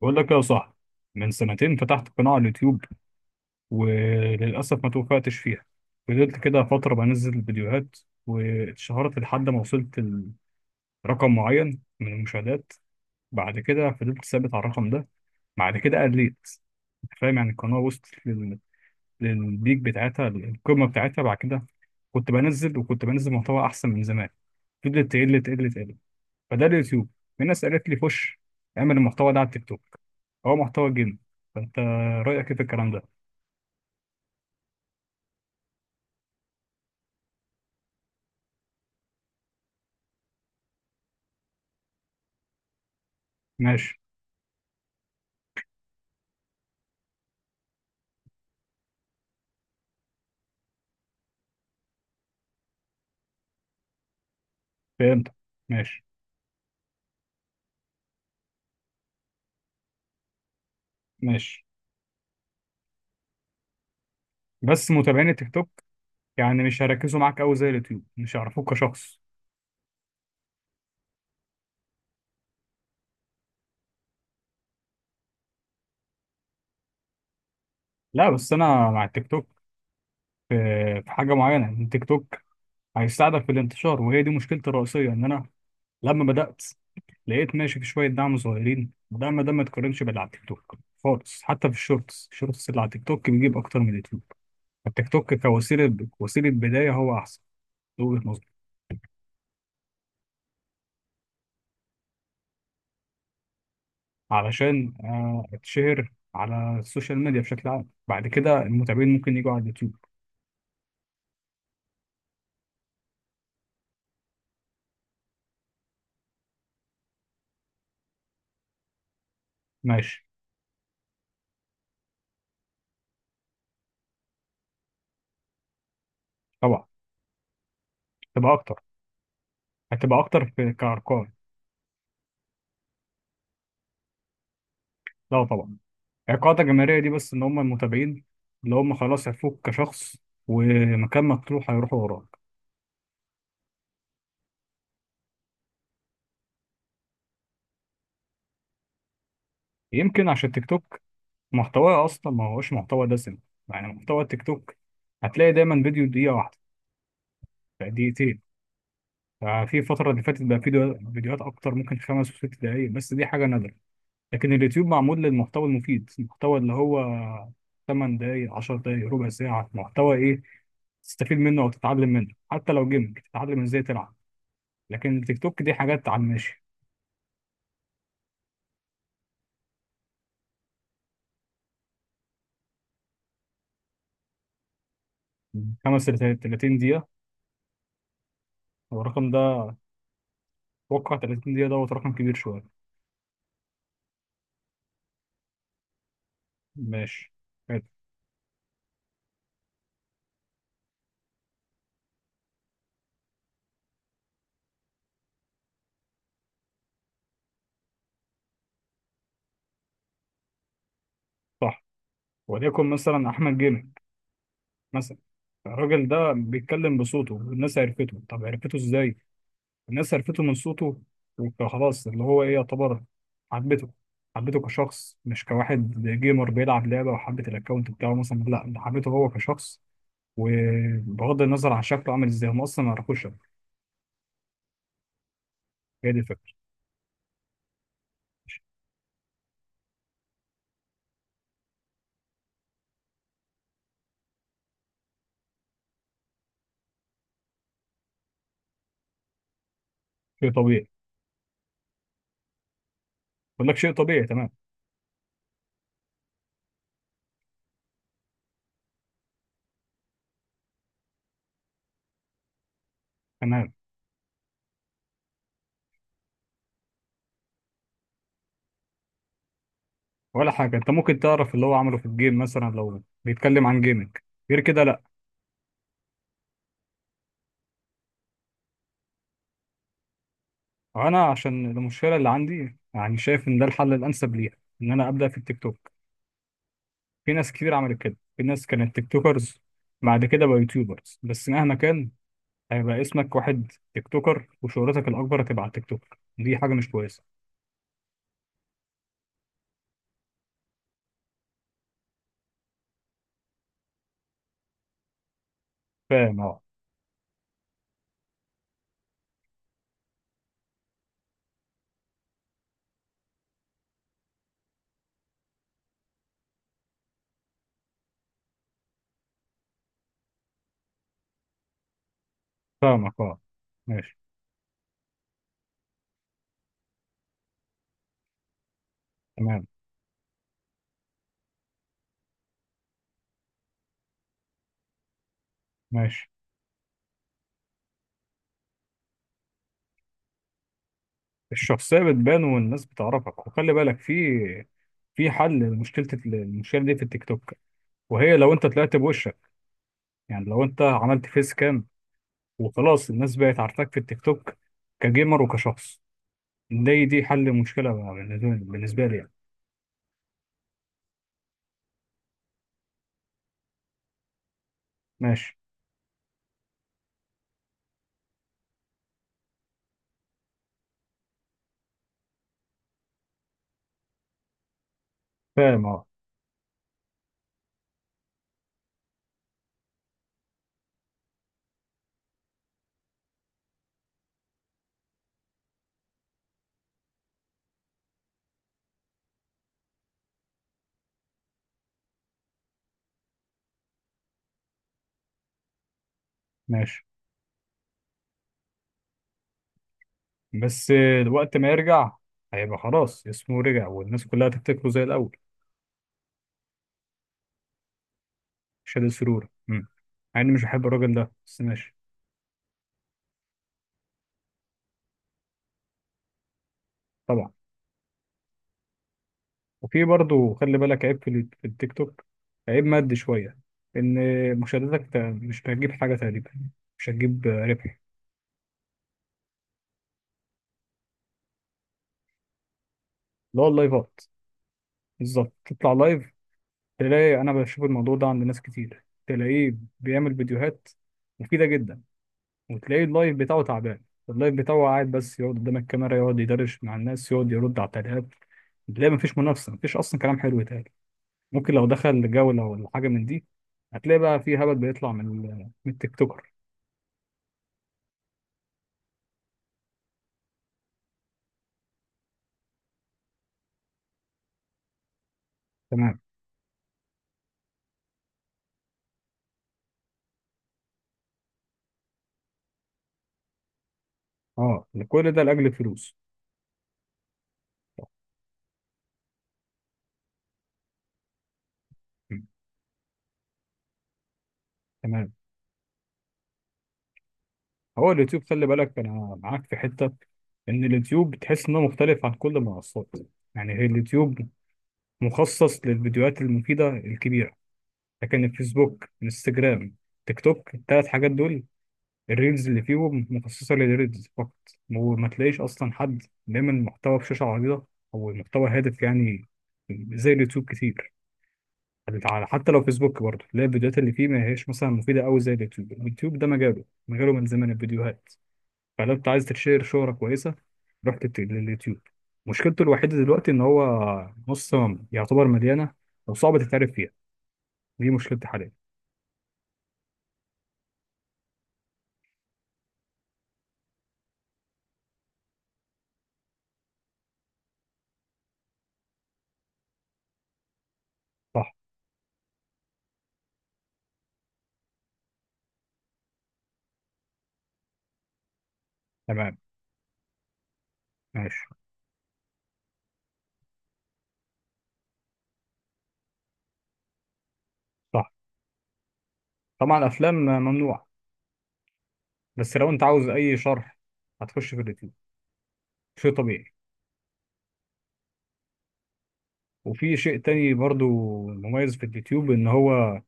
بقول لك يا صاحبي، من سنتين فتحت قناة على اليوتيوب، وللأسف ما توفقتش فيها. فضلت كده فترة بنزل فيديوهات واتشهرت لحد ما وصلت لرقم معين من المشاهدات. بعد كده فضلت ثابت على الرقم ده. بعد كده قليت، أنت فاهم؟ يعني القناة وصلت للبيك بتاعتها، القمة بتاعتها. بعد كده كنت بنزل، وكنت بنزل محتوى أحسن من زمان، فضلت تقل تقل تقل. فده اليوتيوب. في ناس قالت لي خش اعمل المحتوى ده على التيك توك، هو محتوى جيم. فانت رايك ايه في الكلام ده؟ ماشي. فهمت. ماشي. ماشي. بس متابعين التيك توك يعني مش هيركزوا معاك قوي زي اليوتيوب، مش هيعرفوك كشخص. لا، بس انا مع التيك توك في في حاجه معينه، ان التيك توك هيساعدك في الانتشار، وهي دي مشكلتي الرئيسيه. ان انا لما بدات لقيت ماشي في شويه دعم صغيرين، الدعم ده ما يتقارنش باللي على التيك توك خالص. حتى في الشورتس اللي على التيك توك بيجيب اكتر من اليوتيوب. التيك توك كوسيله، وسيله بدايه، هو احسن من وجهه نظري. علشان اتشهر على السوشيال ميديا بشكل عام، بعد كده المتابعين ممكن يجوا على اليوتيوب. ماشي. طبعا. هتبقى اكتر هتبقى اكتر في كارقام. لا طبعا، القاعده الجماهيريه دي بس، ان هم المتابعين اللي هم خلاص عرفوك كشخص، ومكان ما تروح هيروحوا وراك. يمكن عشان التيك توك محتواه اصلا ما هوش محتوى دسم. يعني محتوى التيك توك هتلاقي دايما فيديو دقيقه واحده، دقيقتين. ففي الفترة اللي فاتت بقى في فيديوهات أكتر، ممكن خمس وست دقايق، بس دي حاجة نادرة. لكن اليوتيوب معمول للمحتوى المفيد، المحتوى اللي هو 8 دقايق، 10 دقايق، ربع ساعة، محتوى إيه تستفيد منه أو تتعلم منه، حتى لو جيمنج تتعلم إزاي تلعب. لكن التيك توك دي حاجات على الماشي. خمس لت- 30 دقيقة؟ هو الرقم ده؟ أتوقع 30 دقيقة دوت رقم كبير شوية. ماشي. حلو. صح. وليكن مثلا أحمد جيمنج مثلا، الراجل ده بيتكلم بصوته والناس عرفته. طب عرفته إزاي؟ الناس عرفته من صوته، وخلاص اللي هو ايه، يعتبر حبته. حبته كشخص مش كواحد جيمر بيلعب لعبة وحبت الاكونت بتاعه مثلا، لا ده حبيته هو كشخص. وبغض النظر عن شكله عامل ازاي، هم اصلا ما يعرفوش شكله. هي دي الفكرة. شيء طبيعي. بقول لك شيء طبيعي. تمام. تمام. ولا حاجة، انت ممكن تعرف اللي هو عمله في الجيم مثلا لو بيتكلم عن جيمنج، غير كده لا. انا عشان المشكلة اللي عندي، يعني شايف ان ده الحل الانسب ليها، ان انا ابدا في التيك توك. في ناس كتير عملت كده، في ناس كانت تيك توكرز بعد كده بقى يوتيوبرز، بس مهما كان هيبقى اسمك واحد تيك توكر، وشهرتك الأكبر هتبقى تيك توكر، دي حاجة مش كويسة. فاهم. اه. فاهمك. اه. ماشي. تمام. ماشي. الشخصية بتبان والناس بتعرفك، وخلي بالك في حل المشكلة دي في التيك توك. وهي لو انت طلعت بوشك، يعني لو انت عملت فيس كام وخلاص الناس بقت عارفاك في التيك توك كجيمر وكشخص، دي حل مشكلة بالنسبة لي يعني. ماشي. فاهم. اه. ماشي. بس وقت ما يرجع هيبقى خلاص اسمه رجع، والناس كلها هتفتكره زي الأول. شادي سرورة. مم. مع إني مش بحب الراجل ده بس ماشي. طبعا. وفي برضه خلي بالك عيب في في التيك توك، عيب مادي شوية، إن مشاهداتك مش هتجيب حاجة تقريبا، مش هتجيب ربح. اللي هو اللايفات. بالظبط تطلع لايف، تلاقي أنا بشوف الموضوع ده عند ناس كتير، تلاقيه بيعمل فيديوهات مفيدة جدا، وتلاقي اللايف بتاعه تعبان. اللايف بتاعه قاعد بس يقعد قدام الكاميرا، يقعد يدردش مع الناس، يقعد يرد على التعليقات. تلاقي مفيش منافسة، مفيش أصلا كلام حلو يتقال. ممكن لو دخل جولة ولا حاجة من دي، هتلاقي بقى في هبل بيطلع من من التيك توكر. تمام. اه، كل ده لأجل الفلوس. م. تمام. هو اليوتيوب خلي بالك أنا معاك في حتة، إن اليوتيوب بتحس إنه مختلف عن كل المنصات. يعني هي اليوتيوب مخصص للفيديوهات المفيدة الكبيرة، لكن الفيسبوك، انستجرام، تيك توك، ال 3 حاجات دول، الريلز اللي فيهم مخصصة للريلز فقط. وما تلاقيش أصلا حد بيعمل محتوى بشاشة عريضة أو محتوى هادف، يعني زي اليوتيوب كتير. حتى لو فيسبوك برضه تلاقي الفيديوهات اللي فيه ما هيش مثلا مفيدة أوي زي اليوتيوب. اليوتيوب ده مجاله من زمن الفيديوهات. فلو أنت عايز تشير شهرة كويسة روح لليوتيوب. مشكلته الوحيدة دلوقتي إن هو نص، يعتبر مليانة وصعب تتعرف فيها، دي مشكلتي حاليا. صح. تمام. ماشي. صح. طبعا الأفلام ممنوع. بس لو انت عاوز اي شرح هتخش في اليوتيوب. شيء طبيعي. وفي شيء تاني برضو مميز في اليوتيوب، ان هو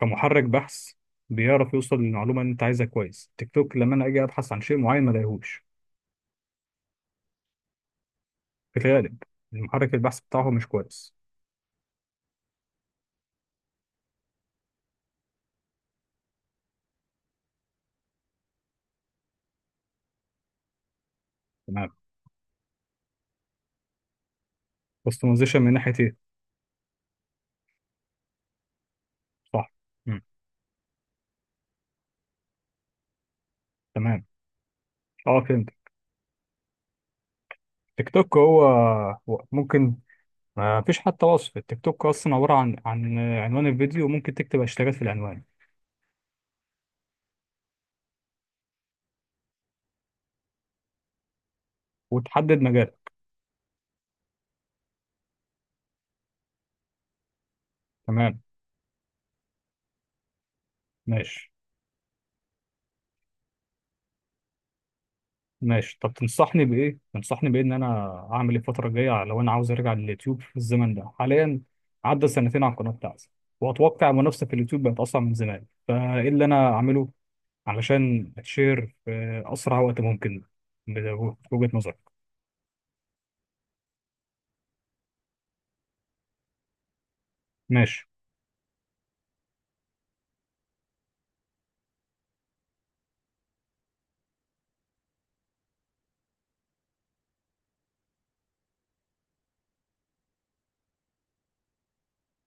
كمحرك بحث بيعرف يوصل للمعلومه اللي انت عايزها كويس. تيك توك لما انا اجي ابحث عن شيء معين ما الاقيهوش في الغالب، المحرك البحث بتاعه مش كويس. تمام. كاستمايزيشن من ناحيه ايه؟ صح. مم. تمام. اه فهمت. تيك توك، هو ممكن ما فيش حتى وصف. التيك توك اصلا عباره عن عنوان الفيديو، وممكن تكتب هاشتاجات في العنوان، وتحدد مجال. تمام. ماشي. ماشي. طب تنصحني بايه ان انا اعمل ايه الفتره الجايه لو انا عاوز ارجع لليوتيوب في الزمن ده حاليا؟ عدى سنتين على القناه بتاعتي، واتوقع المنافسه في اليوتيوب بقت اصعب من زمان، فايه اللي انا اعمله علشان اتشير في اسرع وقت ممكن بوجهه نظرك؟ ماشي.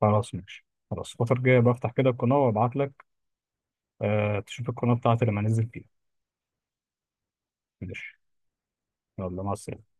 خلاص. ماشي. خلاص الفتره الجايه بفتح كده القناه وابعت لك، أه تشوف القناه بتاعتي لما انزل فيها. ماشي. يلا مع السلامه.